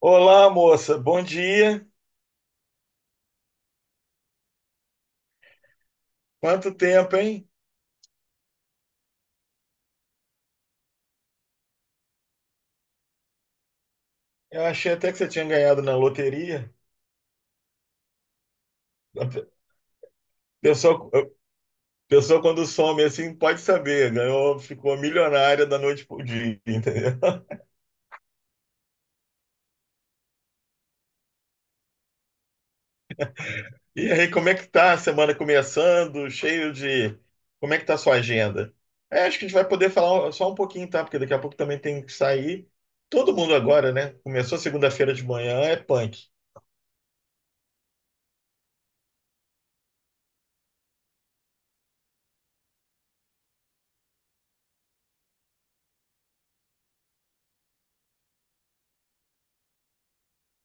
Olá, moça, bom dia. Quanto tempo, hein? Eu achei até que você tinha ganhado na loteria. A pe- a pessoa quando some assim, pode saber, ganhou, ficou milionária da noite pro dia, entendeu? E aí, como é que tá a semana começando? Cheio de. Como é que tá a sua agenda? É, acho que a gente vai poder falar só um pouquinho, tá? Porque daqui a pouco também tem que sair. Todo mundo agora, né? Começou segunda-feira de manhã, é punk.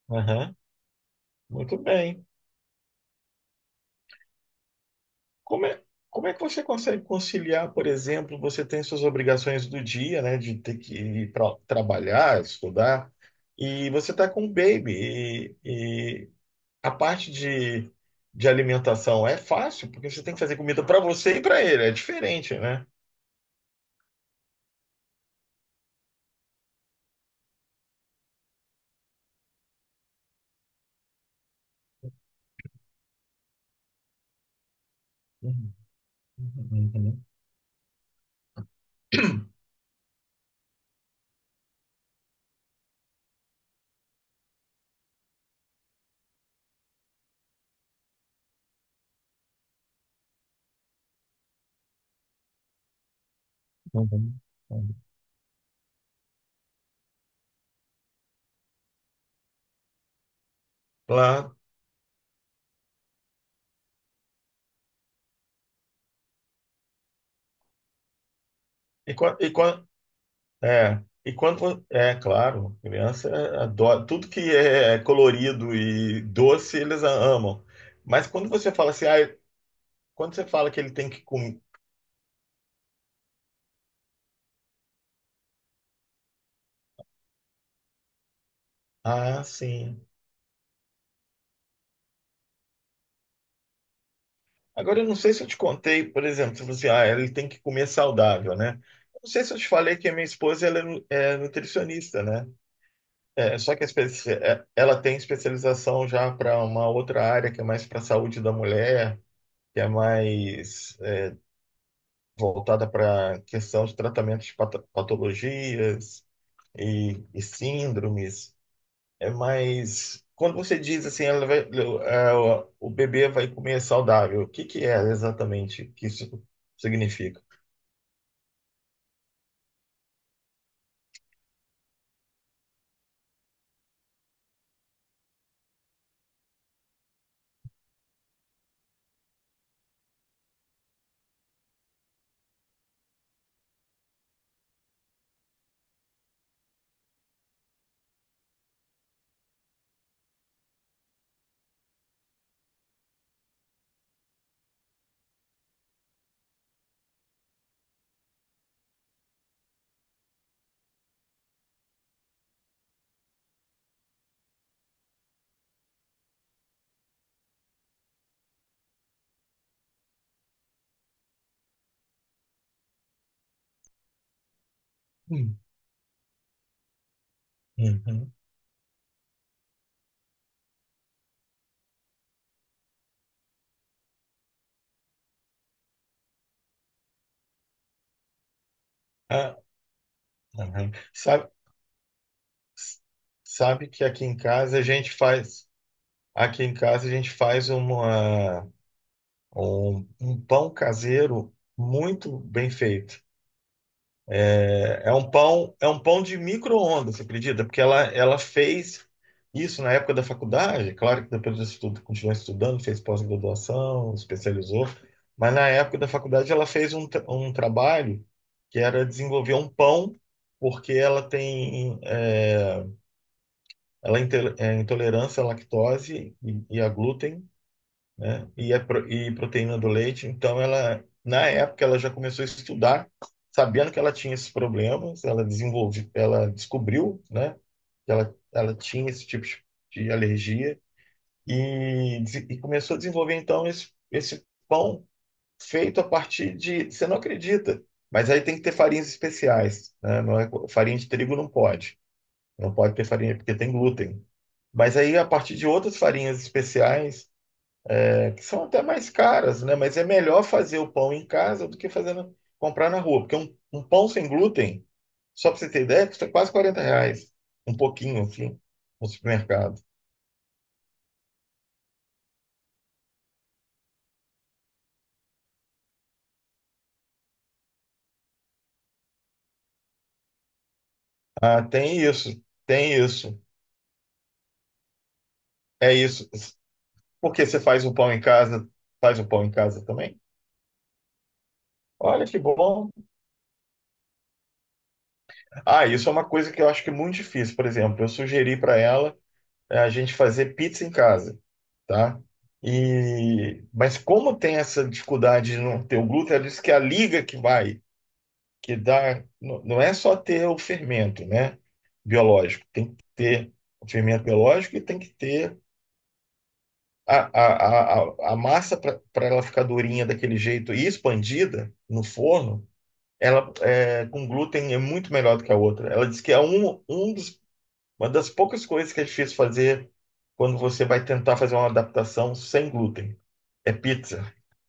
Aham. Muito bem. Como é, como é que você consegue conciliar, por exemplo, você tem suas obrigações do dia, né, de ter que ir para trabalhar, estudar, e você está com o baby, e a parte de alimentação é fácil, porque você tem que fazer comida para você e para ele, é diferente, né? Uhum, uhum, uhum, uhum. Claro. E, qua- e, qua- quando, é claro, criança adora, tudo que é colorido e doce eles amam. Mas quando você fala assim, quando você fala que ele tem que comer, ah, sim. Agora eu não sei se eu te contei, por exemplo, você falou assim, ah, ele tem que comer saudável, né? Eu não sei se eu te falei que a minha esposa ela é nutricionista, né? É, só que ela tem especialização já para uma outra área que é mais para a saúde da mulher, que é mais voltada para a questão de tratamentos de patologias e síndromes. É mais. Quando você diz assim, o bebê vai comer saudável, o que que é exatamente que isso significa? Hum, uhum. Ah, uhum. Sabe que aqui em casa a gente faz um pão caseiro muito bem feito. É um pão de micro-ondas, você acredita? Porque ela fez isso na época da faculdade, claro que depois disso tudo continuou estudando, fez pós-graduação, especializou, mas na época da faculdade ela fez um trabalho que era desenvolver um pão, porque ela é intolerância à lactose e a glúten, né? E proteína do leite. Então, ela, na época, ela já começou a estudar, sabendo que ela tinha esses problemas, ela desenvolve, ela descobriu, né, que ela tinha esse tipo de alergia e começou a desenvolver, então, esse pão feito a partir de, você não acredita, mas aí tem que ter farinhas especiais, né? Não é, farinha de trigo não pode, não pode ter farinha porque tem glúten. Mas aí, a partir de outras farinhas especiais, que são até mais caras, né? Mas é melhor fazer o pão em casa do que fazer comprar na rua, porque um pão sem glúten, só para você ter ideia, custa quase 40 reais, um pouquinho assim, no supermercado. Ah, tem isso, é isso. Porque você faz o pão em casa, faz o pão em casa também? Olha que bom. Ah, isso é uma coisa que eu acho que é muito difícil. Por exemplo, eu sugeri para ela a gente fazer pizza em casa, tá? E, mas como tem essa dificuldade de não ter o glúten, ela diz que é a liga que vai, que dá, não é só ter o fermento, né, biológico, tem que ter o fermento biológico e tem que ter a, a, a massa para ela ficar durinha daquele jeito e expandida no forno. Ela é, com glúten é muito melhor do que a outra. Ela diz que é uma das poucas coisas que é difícil fazer quando você vai tentar fazer uma adaptação sem glúten. É pizza.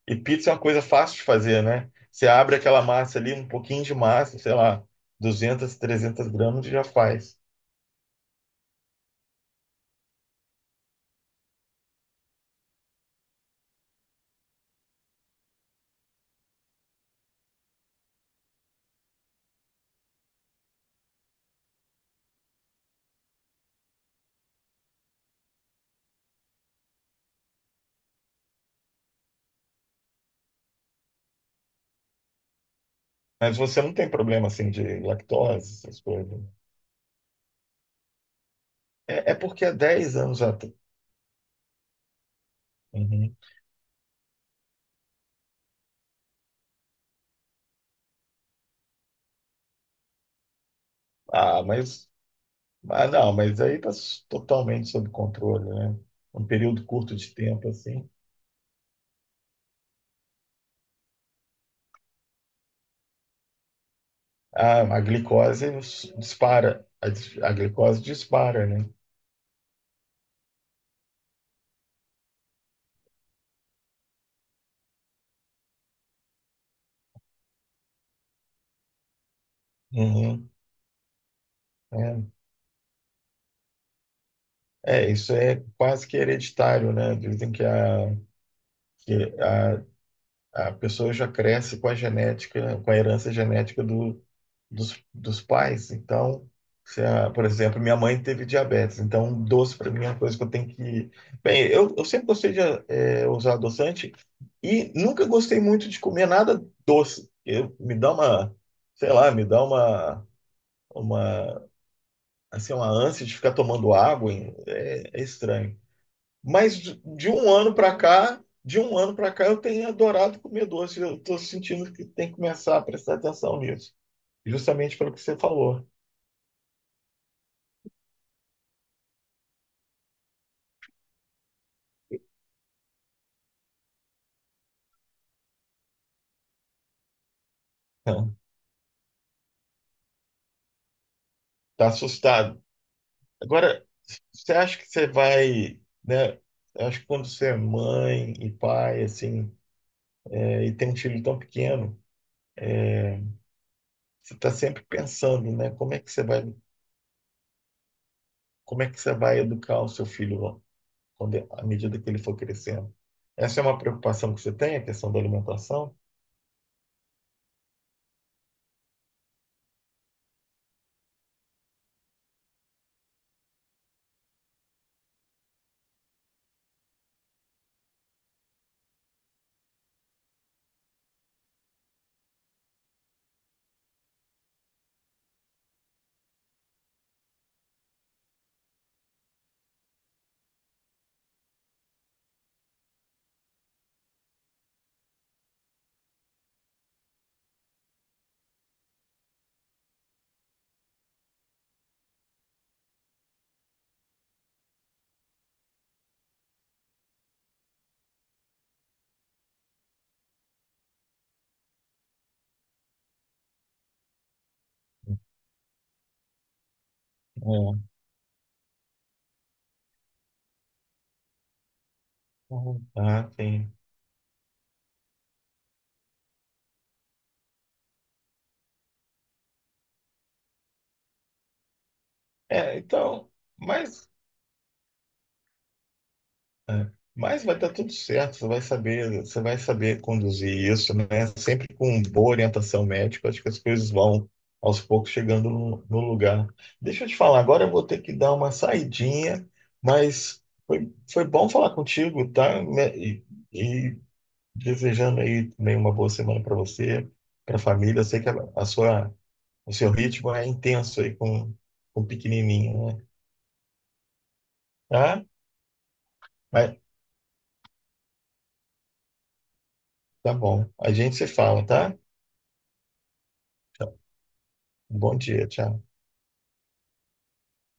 E pizza é uma coisa fácil de fazer, né? Você abre aquela massa ali, um pouquinho de massa, sei lá, 200, 300 gramas e já faz. Mas você não tem problema assim de lactose, essas coisas. É porque há dez anos atrás. Uhum. Ah, mas. Ah, não, mas aí está totalmente sob controle, né? Um período curto de tempo, assim. Ah, a glicose nos dispara. A glicose dispara, né? Uhum. É. É, isso é quase que hereditário, né? Dizem que que a, a pessoa já cresce com a genética, com a herança genética dos pais. Então, se a, por exemplo, minha mãe teve diabetes, então um doce para mim é uma coisa que eu tenho que. Bem, eu sempre gostei de usar adoçante e nunca gostei muito de comer nada doce. Eu, me dá uma, sei lá, me dá uma, assim, uma ânsia de ficar tomando água, hein? É, é estranho. Mas de um ano para cá, de um ano para cá, eu tenho adorado comer doce. Eu estou sentindo que tem que começar a prestar atenção nisso, justamente pelo que você falou. Tá assustado. Agora, você acha que você vai, né? Eu acho que quando você é mãe e pai, assim, né, e tem um filho tão pequeno, você está sempre pensando, né? Como é que você vai, como é que você vai educar o seu filho quando, à medida que ele for crescendo? Essa é uma preocupação que você tem, a questão da alimentação? É. Uhum. Ah, sim. É, então, mas, mas vai dar tudo certo, você vai saber conduzir isso, né? Sempre com boa orientação médica, acho que as coisas vão aos poucos chegando no, no lugar. Deixa eu te falar, agora eu vou ter que dar uma saidinha, mas foi, foi bom falar contigo, tá? E desejando aí também uma boa semana para você, para a família. Eu sei que o seu ritmo é intenso aí com o pequenininho, né? Tá? Mas tá bom. A gente se fala, tá? Tchau. Bom dia, tchau.